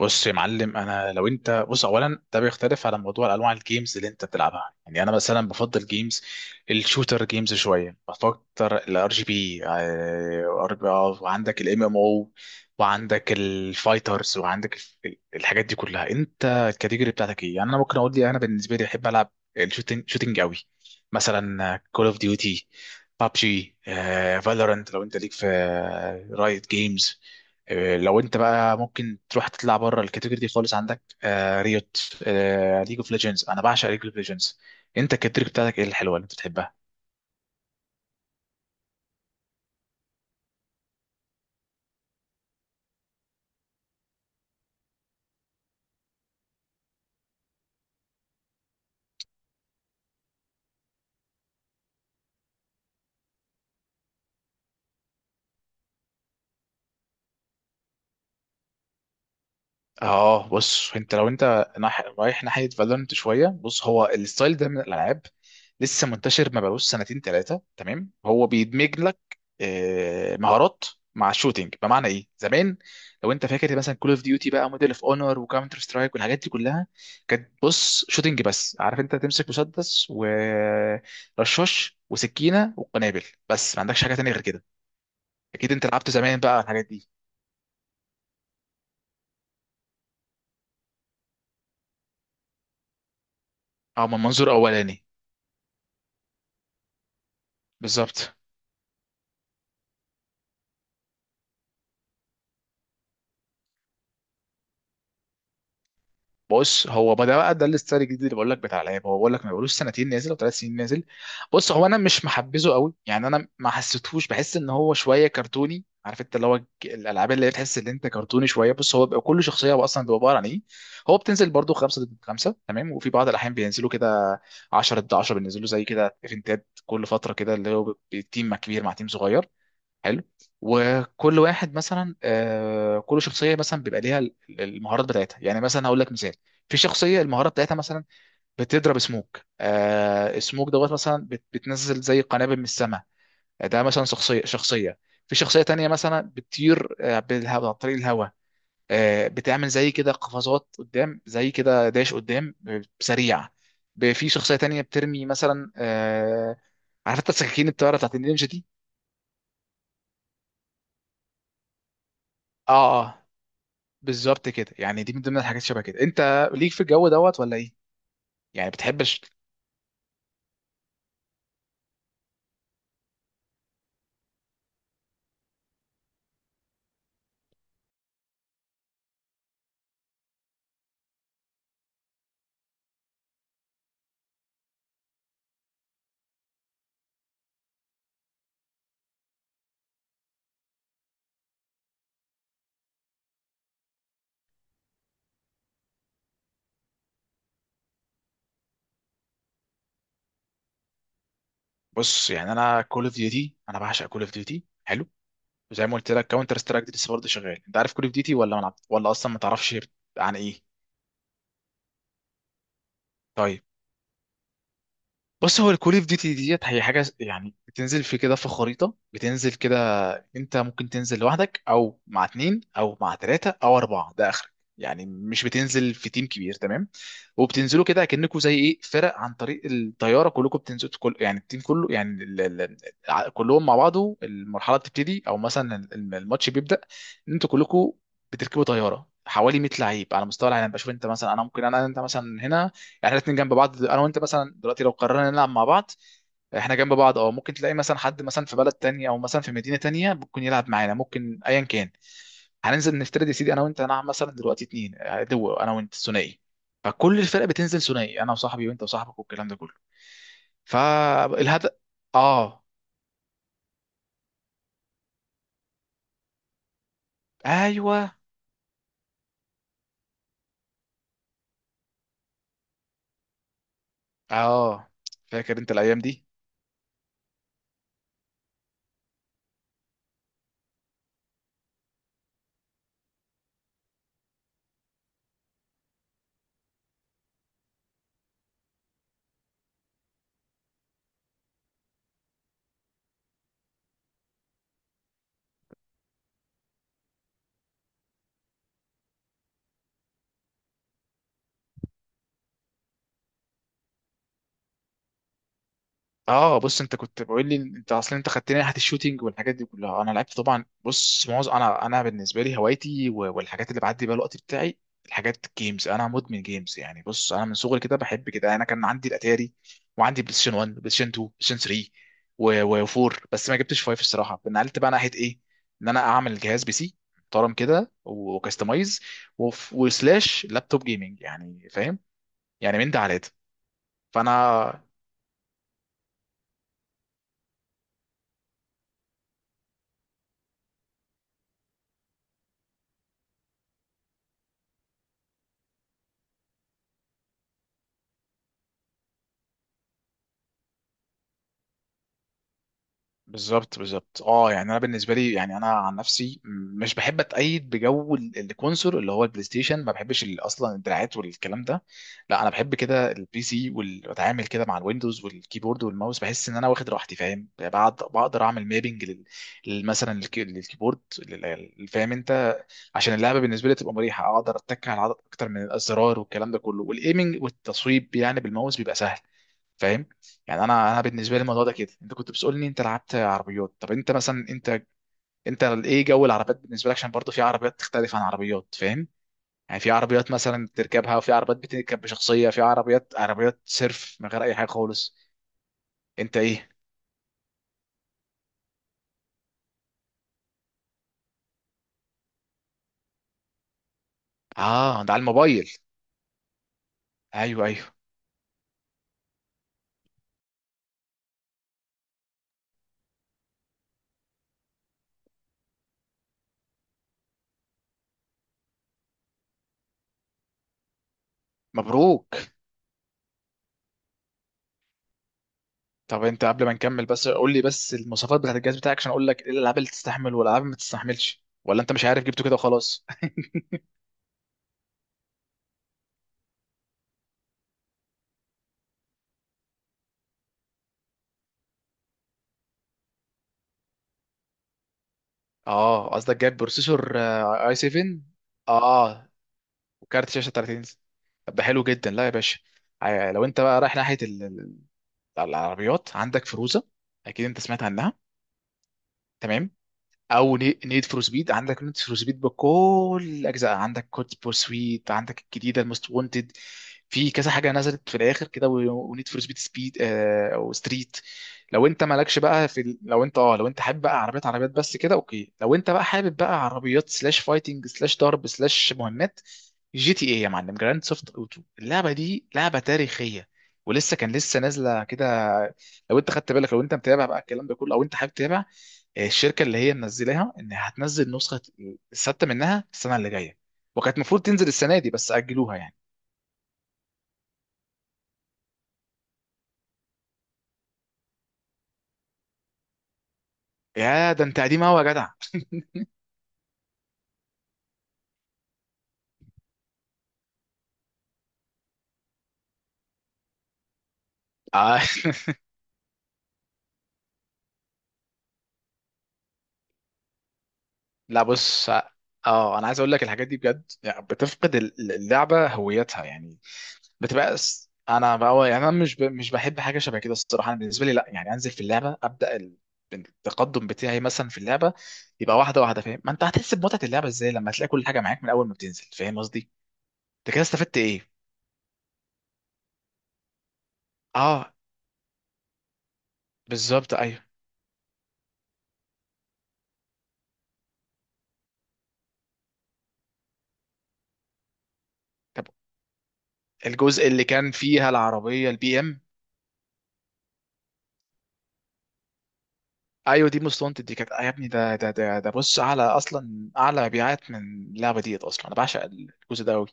بص يا معلم، انا لو انت بص اولا ده بيختلف على موضوع انواع الجيمز اللي انت بتلعبها. يعني انا مثلا بفضل جيمز الشوتر، جيمز شويه بفكر الار جي بي، وعندك الام ام او، وعندك الفايترز، وعندك الحاجات دي كلها. انت الكاتيجوري بتاعتك ايه؟ يعني انا ممكن اقول لي انا بالنسبه لي بحب العب الشوتينج، شوتينج قوي، مثلا كول اوف ديوتي، بابجي، فالورانت. لو انت ليك في رايت جيمز، لو انت بقى ممكن تروح تطلع بره الكاتيجوري دي خالص، عندك آه ريوت، آه ليج اوف ليجندز. انا بعشق ليج اوف ليجندز. انت الكاتيجوري بتاعتك ايه الحلوه اللي انت بتحبها؟ اه بص، انت لو انت رايح ناحيه فالورنت شويه، بص هو الستايل ده من الالعاب لسه منتشر، ما بقالوش سنتين ثلاثه، تمام؟ هو بيدمج لك مهارات مع الشوتينج. بمعنى ايه؟ زمان لو انت فاكر، مثلا كول اوف ديوتي بقى، موديل اوف اونر، وكاونتر سترايك، والحاجات دي كلها كانت بص شوتينج بس. عارف، انت تمسك مسدس ورشاش وسكينه وقنابل، بس ما عندكش حاجه تانية غير كده. اكيد انت لعبت زمان بقى الحاجات دي. اه، من منظور اولاني. بالظبط. بص هو ما ده بقى ده الاستايل الجديد اللي بقول لك، بتاع العيب، هو بقول لك ما بقولوش سنتين نازل او ثلاث سنين نازل. بص هو انا مش محبذه قوي، يعني انا ما حسيتهوش، بحس ان هو شويه كرتوني. عارف انت اللي هو الالعاب اللي هي تحس ان انت كرتوني شويه. بص هو بيبقى كل شخصيه، هو اصلا بيبقى عباره عن ايه، هو بتنزل برضو خمسه ضد خمسه، تمام؟ وفي بعض الاحيان بينزلوا كده 10 ضد 10، بينزلوا زي كده ايفنتات كل فتره كده، اللي هو تيم مع كبير مع تيم صغير. حلو. وكل واحد مثلا، كل شخصيه مثلا بيبقى ليها المهارات بتاعتها. يعني مثلا هقول لك مثال، في شخصيه المهارات بتاعتها مثلا بتضرب سموك، سموك دوت مثلا، بتنزل زي قنابل من السماء. ده مثلا شخصيه، شخصيه. في شخصيه تانية مثلا بتطير، بالهواء، عن طريق الهواء، بتعمل زي كده قفزات قدام، زي كده داش قدام، سريع. في شخصيه تانية بترمي مثلا، عارف انت السكاكين الطياره بتاعت النينجا دي. اه اه. بالظبط كده. يعني دي من ضمن الحاجات شبه كده. انت ليك في الجو دوت ولا ايه؟ يعني بتحبش؟ بص يعني انا كول اوف ديوتي، انا بعشق كول اوف ديوتي. حلو. وزي ما قلت لك كاونتر سترايك دي لسه برضه شغال. انت عارف كول اوف ديوتي، ولا ما لعبت، ولا اصلا ما تعرفش عن ايه؟ طيب، بص هو الكول اوف ديوتي ديت هي حاجه يعني بتنزل في كده في خريطه، بتنزل كده. انت ممكن تنزل لوحدك، او مع اتنين، او مع تلاته، او اربعه ده اخرك. يعني مش بتنزل في تيم كبير، تمام؟ وبتنزلوا كده كأنكوا زي ايه، فرق، عن طريق الطياره كلكم بتنزلوا. كل يعني التيم كله، يعني كلهم مع بعضه المرحله بتبتدي، او مثلا الماتش بيبدأ ان انتوا كلكم بتركبوا طياره، حوالي 100 لعيب على مستوى العالم. بشوف انت مثلا، انا ممكن انا انت مثلا هنا، يعني احنا الاثنين جنب بعض انا وانت، مثلا دلوقتي لو قررنا نلعب مع بعض احنا جنب بعض، اه ممكن تلاقي مثلا حد مثلا في بلد تانية، او مثلا في مدينة تانية، ممكن يلعب معانا، ممكن ايا كان. هننزل، نفترض يا سيدي انا وانت هنلعب مثلا دلوقتي اتنين، دو، انا وانت ثنائي. فكل الفرق بتنزل ثنائي، انا وصاحبي وانت وصاحبك والكلام ده كله. فالهدف، اه، ايوه. اه، فاكر انت الايام دي. اه بص، انت كنت بقول لي، انت اصلا انت خدتني ناحيه الشوتينج والحاجات دي كلها. انا لعبت طبعا، بص معظم انا بالنسبه لي هوايتي والحاجات اللي بعدي بيها الوقت بتاعي، الحاجات، جيمز. انا مدمن جيمز يعني. بص انا من صغري كده بحب كده، انا كان عندي الاتاري، وعندي بلاي ستيشن 1، بلاي ستيشن 2، بلاي ستيشن 3، و4، بس ما جبتش 5 الصراحه. نقلت بقى ناحيه ايه، ان انا اعمل جهاز بي سي محترم كده وكستمايز، وسلاش لابتوب جيمنج يعني، فاهم؟ يعني من ده على ده. فانا بالظبط بالظبط. اه يعني انا بالنسبه لي، يعني انا عن نفسي مش بحب اتأيد بجو الكونسول اللي هو البلاي ستيشن. ما بحبش اصلا الدراعات والكلام ده. لا، انا بحب كده البي سي، واتعامل كده مع الويندوز والكيبورد والماوس. بحس ان انا واخد راحتي، فاهم؟ بعد بقدر اعمل مابنج مثلا للكيبورد فاهم انت، عشان اللعبه بالنسبه لي تبقى مريحه، اقدر اتك على عدد اكتر من الازرار والكلام ده كله. والايمنج والتصويب يعني بالماوس بيبقى سهل. فاهم؟ يعني انا، انا بالنسبه لي الموضوع ده كده. انت كنت بتسالني انت لعبت عربيات؟ طب انت مثلا، انت انت ايه جو العربيات بالنسبه لك؟ عشان برضه في عربيات تختلف عن عربيات، فاهم؟ يعني في عربيات مثلا بتركبها، وفي عربيات بتركب بشخصيه، في عربيات، عربيات سيرف من غير اي حاجه خالص. انت ايه؟ اه، ده على الموبايل. ايوه ايوه. مبروك. طب انت قبل ما نكمل بس قول لي، بس المواصفات بتاعت الجهاز بتاعك، عشان اقول لك ايه الالعاب اللي تستحمل والالعاب ما تستحملش، ولا انت مش عارف جبته كده وخلاص؟ اه قصدك جايب بروسيسور اي 7. اه. آه. وكارت شاشه 30 انش. طب ده حلو جدا. لا يا باشا، لو انت بقى رايح ناحيه العربيات، عندك فيروزه، اكيد انت سمعت عنها، تمام. او نيد فور سبيد، عندك نيد فور سبيد بكل اجزاء، عندك كود بورسويت، عندك الجديده الموست وونتد، في كذا حاجه نزلت في الاخر كده، ونيد فور سبيد، سبيد او ستريت. لو انت مالكش بقى في لو انت اه لو انت حابب بقى عربيات، عربيات بس كده، اوكي. لو انت بقى حابب بقى عربيات سلاش فايتنج سلاش ضرب سلاش مهمات، جي تي ايه يا معلم، جراند سوفت اوتو، اللعبه دي لعبه تاريخيه، ولسه كان لسه نازله كده. لو انت خدت بالك، لو انت متابع بقى الكلام ده كله، او انت حابب تتابع، الشركه اللي هي منزلاها ان هتنزل نسخه السادسه منها السنه اللي جايه، وكانت المفروض تنزل السنه دي بس اجلوها يعني. يا ده انت قديم قوي يا جدع. آه. لا بص، اه انا عايز اقول لك الحاجات دي بجد، يعني بتفقد اللعبه هويتها يعني، بتبقى انا بقى يعني انا مش بحب حاجه شبه كده الصراحه. انا بالنسبه لي لا، يعني انزل في اللعبه ابدا، التقدم بتاعي مثلا في اللعبه يبقى واحده واحده، فاهم؟ ما انت هتحس بمتعه اللعبه ازاي لما تلاقي كل حاجه معاك من اول ما بتنزل؟ فاهم قصدي؟ انت كده استفدت ايه؟ اه، بالظبط، ايوه. طب الجزء اللي كان فيها العربيه البي ام؟ ايوه، دي موست وانتد. دي كانت آه، يا ابني، ده ده ده ده، بص اعلى اصلا، اعلى مبيعات من اللعبه ديت اصلا. انا بعشق الجزء ده قوي.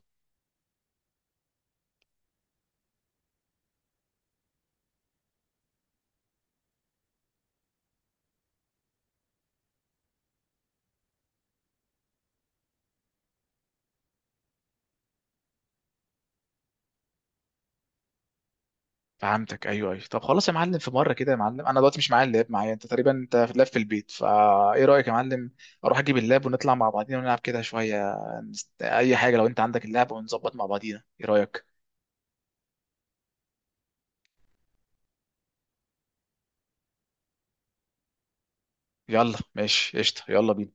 فهمتك، ايوه ايوه. طب خلاص يا معلم، في مره كده يا معلم، انا دلوقتي مش معايا اللاب، معايا انت تقريبا، انت في اللاب في البيت فا، ايه رايك يا معلم اروح اجيب اللاب ونطلع مع بعضينا ونلعب كده شويه؟ اي حاجه، لو انت عندك اللاب ونظبط مع بعضينا، ايه رايك؟ يلا، ماشي، قشطه، يلا بينا.